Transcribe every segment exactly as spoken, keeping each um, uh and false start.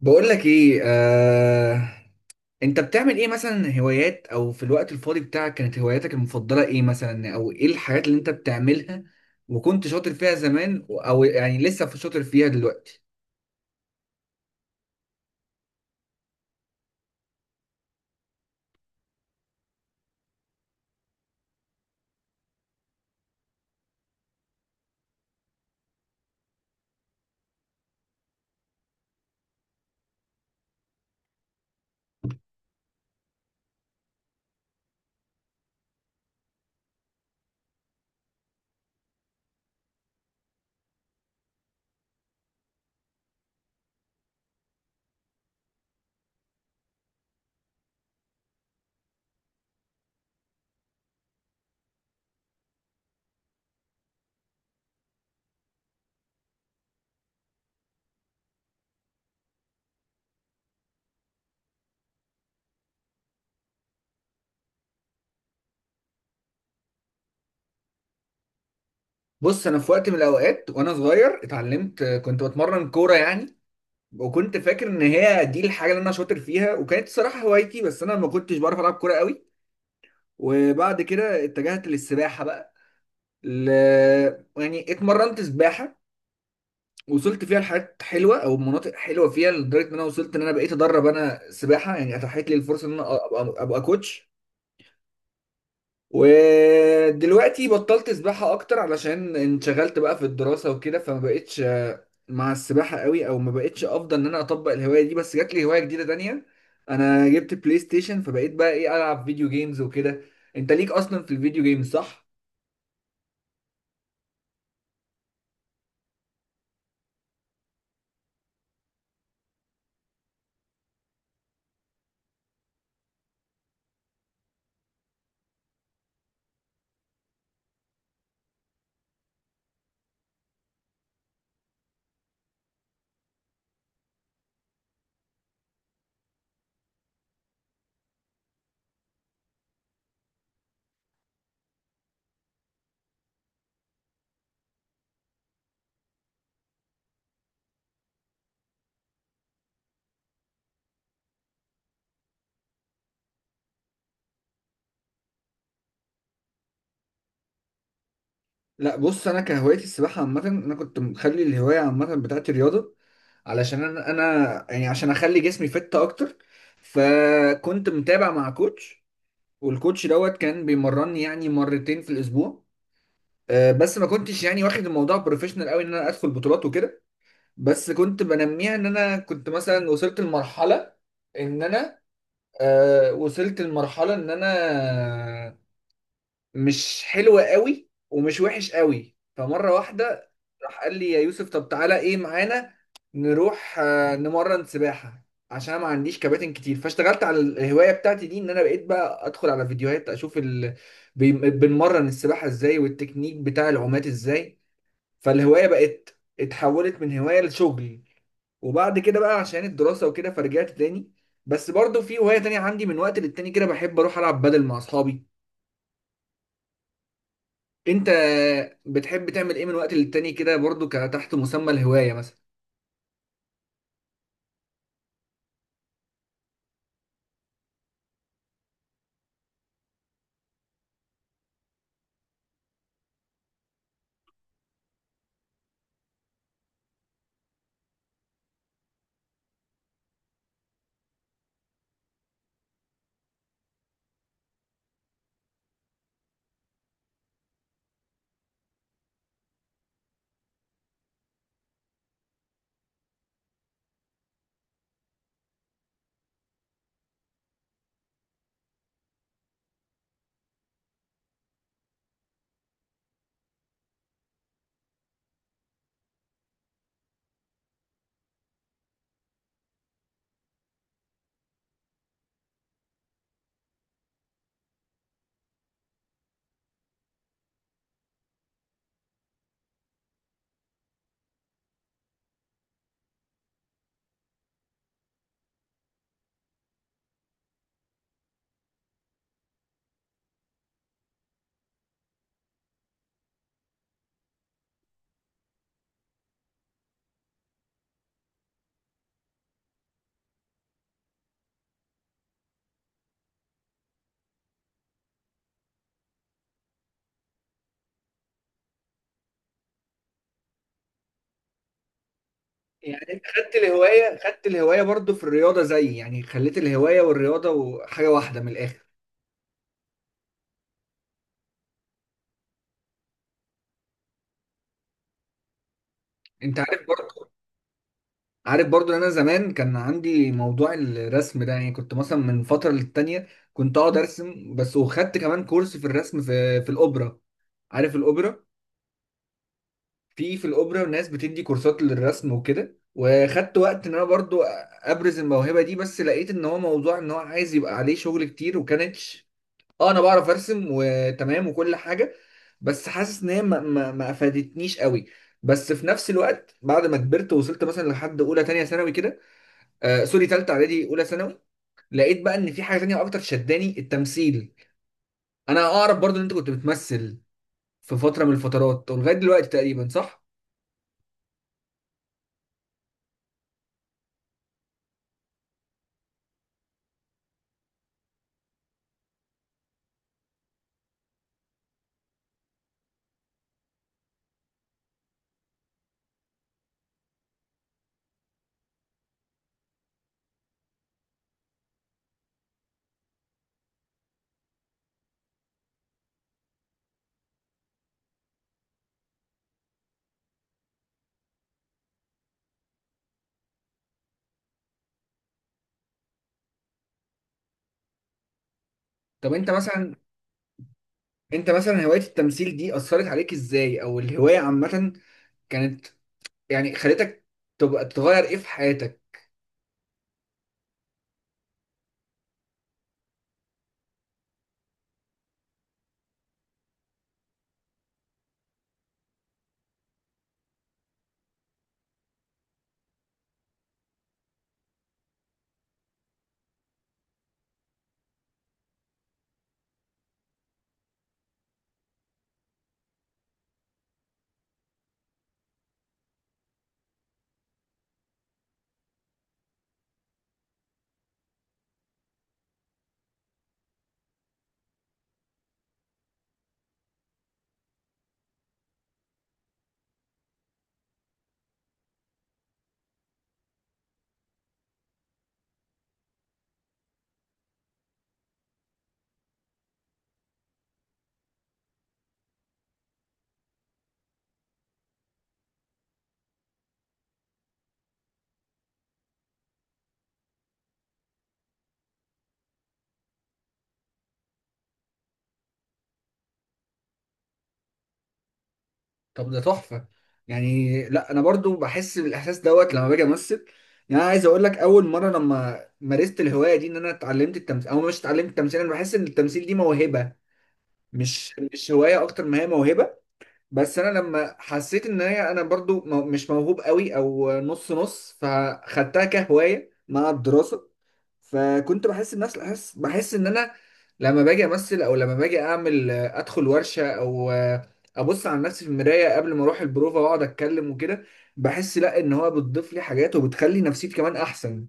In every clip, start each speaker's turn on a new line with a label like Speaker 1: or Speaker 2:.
Speaker 1: بقول لك ايه آه... انت بتعمل ايه مثلا؟ هوايات او في الوقت الفاضي بتاعك، كانت هواياتك المفضلة ايه مثلا؟ او ايه الحاجات اللي انت بتعملها وكنت شاطر فيها زمان، او يعني لسه في شاطر فيها دلوقتي؟ بص، انا في وقت من الاوقات وانا صغير اتعلمت، كنت بتمرن كورة يعني، وكنت فاكر ان هي دي الحاجة اللي انا شاطر فيها وكانت صراحة هوايتي. بس انا ما كنتش بعرف العب كورة قوي، وبعد كده اتجهت للسباحة بقى. ل... يعني اتمرنت سباحة، وصلت فيها لحاجات حلوه او مناطق حلوه فيها، لدرجه ان انا وصلت ان انا بقيت ادرب انا سباحه. يعني اتاحت لي الفرصه ان انا ابقى أبقى كوتش. ودلوقتي بطلت سباحه اكتر علشان انشغلت بقى في الدراسه وكده، فما بقتش آه، مع السباحه قوي، او ما بقتش افضل ان انا اطبق الهوايه دي، بس جات لي هوايه جديده تانية. انا جبت بلاي ستيشن، فبقيت بقى ايه، العب فيديو جيمز وكده. انت ليك اصلا في الفيديو جيمز، صح؟ لا بص، انا كان هوايتي السباحه عامه، انا كنت مخلي الهوايه عامه بتاعتي رياضه، علشان انا انا يعني عشان اخلي جسمي فت اكتر. فكنت متابع مع كوتش، والكوتش دوت كان بيمرني يعني مرتين في الاسبوع. آه، بس ما كنتش يعني واخد الموضوع بروفيشنال قوي ان انا ادخل بطولات وكده، بس كنت بنميها. ان انا كنت مثلا وصلت لمرحله ان انا، آه، وصلت لمرحله ان انا مش حلو قوي ومش وحش قوي. فمره واحده راح قال لي: يا يوسف، طب تعالى ايه معانا نروح آه، نمرن سباحه عشان أنا ما عنديش كباتن كتير. فاشتغلت على الهوايه بتاعتي دي، ان انا بقيت بقى ادخل على فيديوهات اشوف ال... بي- بنمرن السباحه ازاي والتكنيك بتاع العومات ازاي. فالهوايه بقت اتحولت من هوايه لشغل، وبعد كده بقى عشان الدراسة وكده فرجعت تاني. بس برضو في هواية تانية عندي، من وقت للتاني كده بحب أروح ألعب بدل مع أصحابي. انت بتحب تعمل ايه من وقت للتاني كده برضو، كتحت مسمى الهواية مثلا؟ يعني انت خدت الهواية خدت الهواية برضو في الرياضة زي، يعني خليت الهواية والرياضة وحاجة واحدة من الاخر. انت عارف برضو، عارف برضو ان انا زمان كان عندي موضوع الرسم ده، يعني كنت مثلا من فترة للتانية كنت اقعد ارسم بس، وخدت كمان كورس في الرسم في في الاوبرا. عارف الاوبرا؟ في في الاوبرا ناس بتدي كورسات للرسم وكده، وخدت وقت ان انا برضو ابرز الموهبه دي، بس لقيت ان هو موضوع ان هو عايز يبقى عليه شغل كتير وكانتش. اه انا بعرف ارسم وتمام وكل حاجه، بس حاسس ان هي ما, ما, ما افادتنيش قوي. بس في نفس الوقت بعد ما كبرت وصلت مثلا لحد اولى تانية ثانوي كده، آه سوري تالتة اعدادي اولى ثانوي، لقيت بقى ان في حاجه تانية اكتر شداني، التمثيل. انا اعرف برضو ان انت كنت بتمثل في فتره من الفترات ولغايه دلوقتي تقريبا، صح؟ طب انت مثلا، انت مثلا هواية التمثيل دي اثرت عليك ازاي؟ او الهواية عامة كانت، يعني خلتك تبقى تغير ايه في حياتك؟ طب ده تحفة، يعني لا انا برضو بحس بالاحساس دوت لما باجي امثل. يعني انا عايز اقول لك، اول مرة لما مارست الهواية دي ان انا اتعلمت التمثيل او مش اتعلمت التمثيل، انا بحس ان التمثيل دي موهبة، مش مش هواية، اكتر ما هي موهبة. بس انا لما حسيت ان هي انا برضو مو- مش موهوب قوي او نص نص، فخدتها كهوايه مع الدراسه. فكنت بحس بنفس الاحساس، بحس ان انا لما باجي امثل، او لما باجي اعمل ادخل ورشه، او ابص على نفسي في المرايه قبل ما اروح البروفه واقعد اتكلم وكده، بحس لا ان هو بتضيف لي حاجات وبتخلي نفسيتي كمان احسن.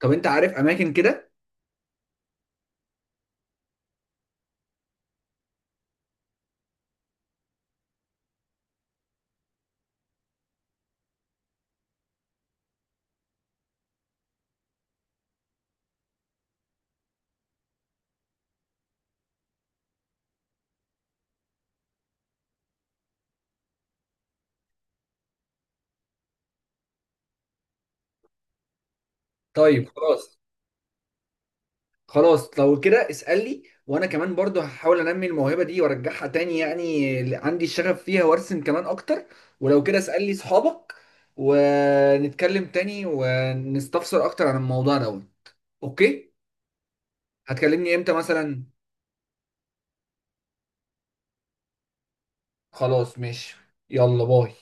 Speaker 1: طب انت عارف اماكن كده؟ طيب خلاص. خلاص لو كده اسألني، وانا كمان برضو هحاول انمي الموهبة دي وارجعها تاني، يعني ل- عندي الشغف فيها وارسم كمان اكتر. ولو كده اسألني صحابك، ونتكلم تاني ونستفسر اكتر عن الموضوع ده. اوكي، هتكلمني امتى مثلا؟ خلاص ماشي، يلا باي.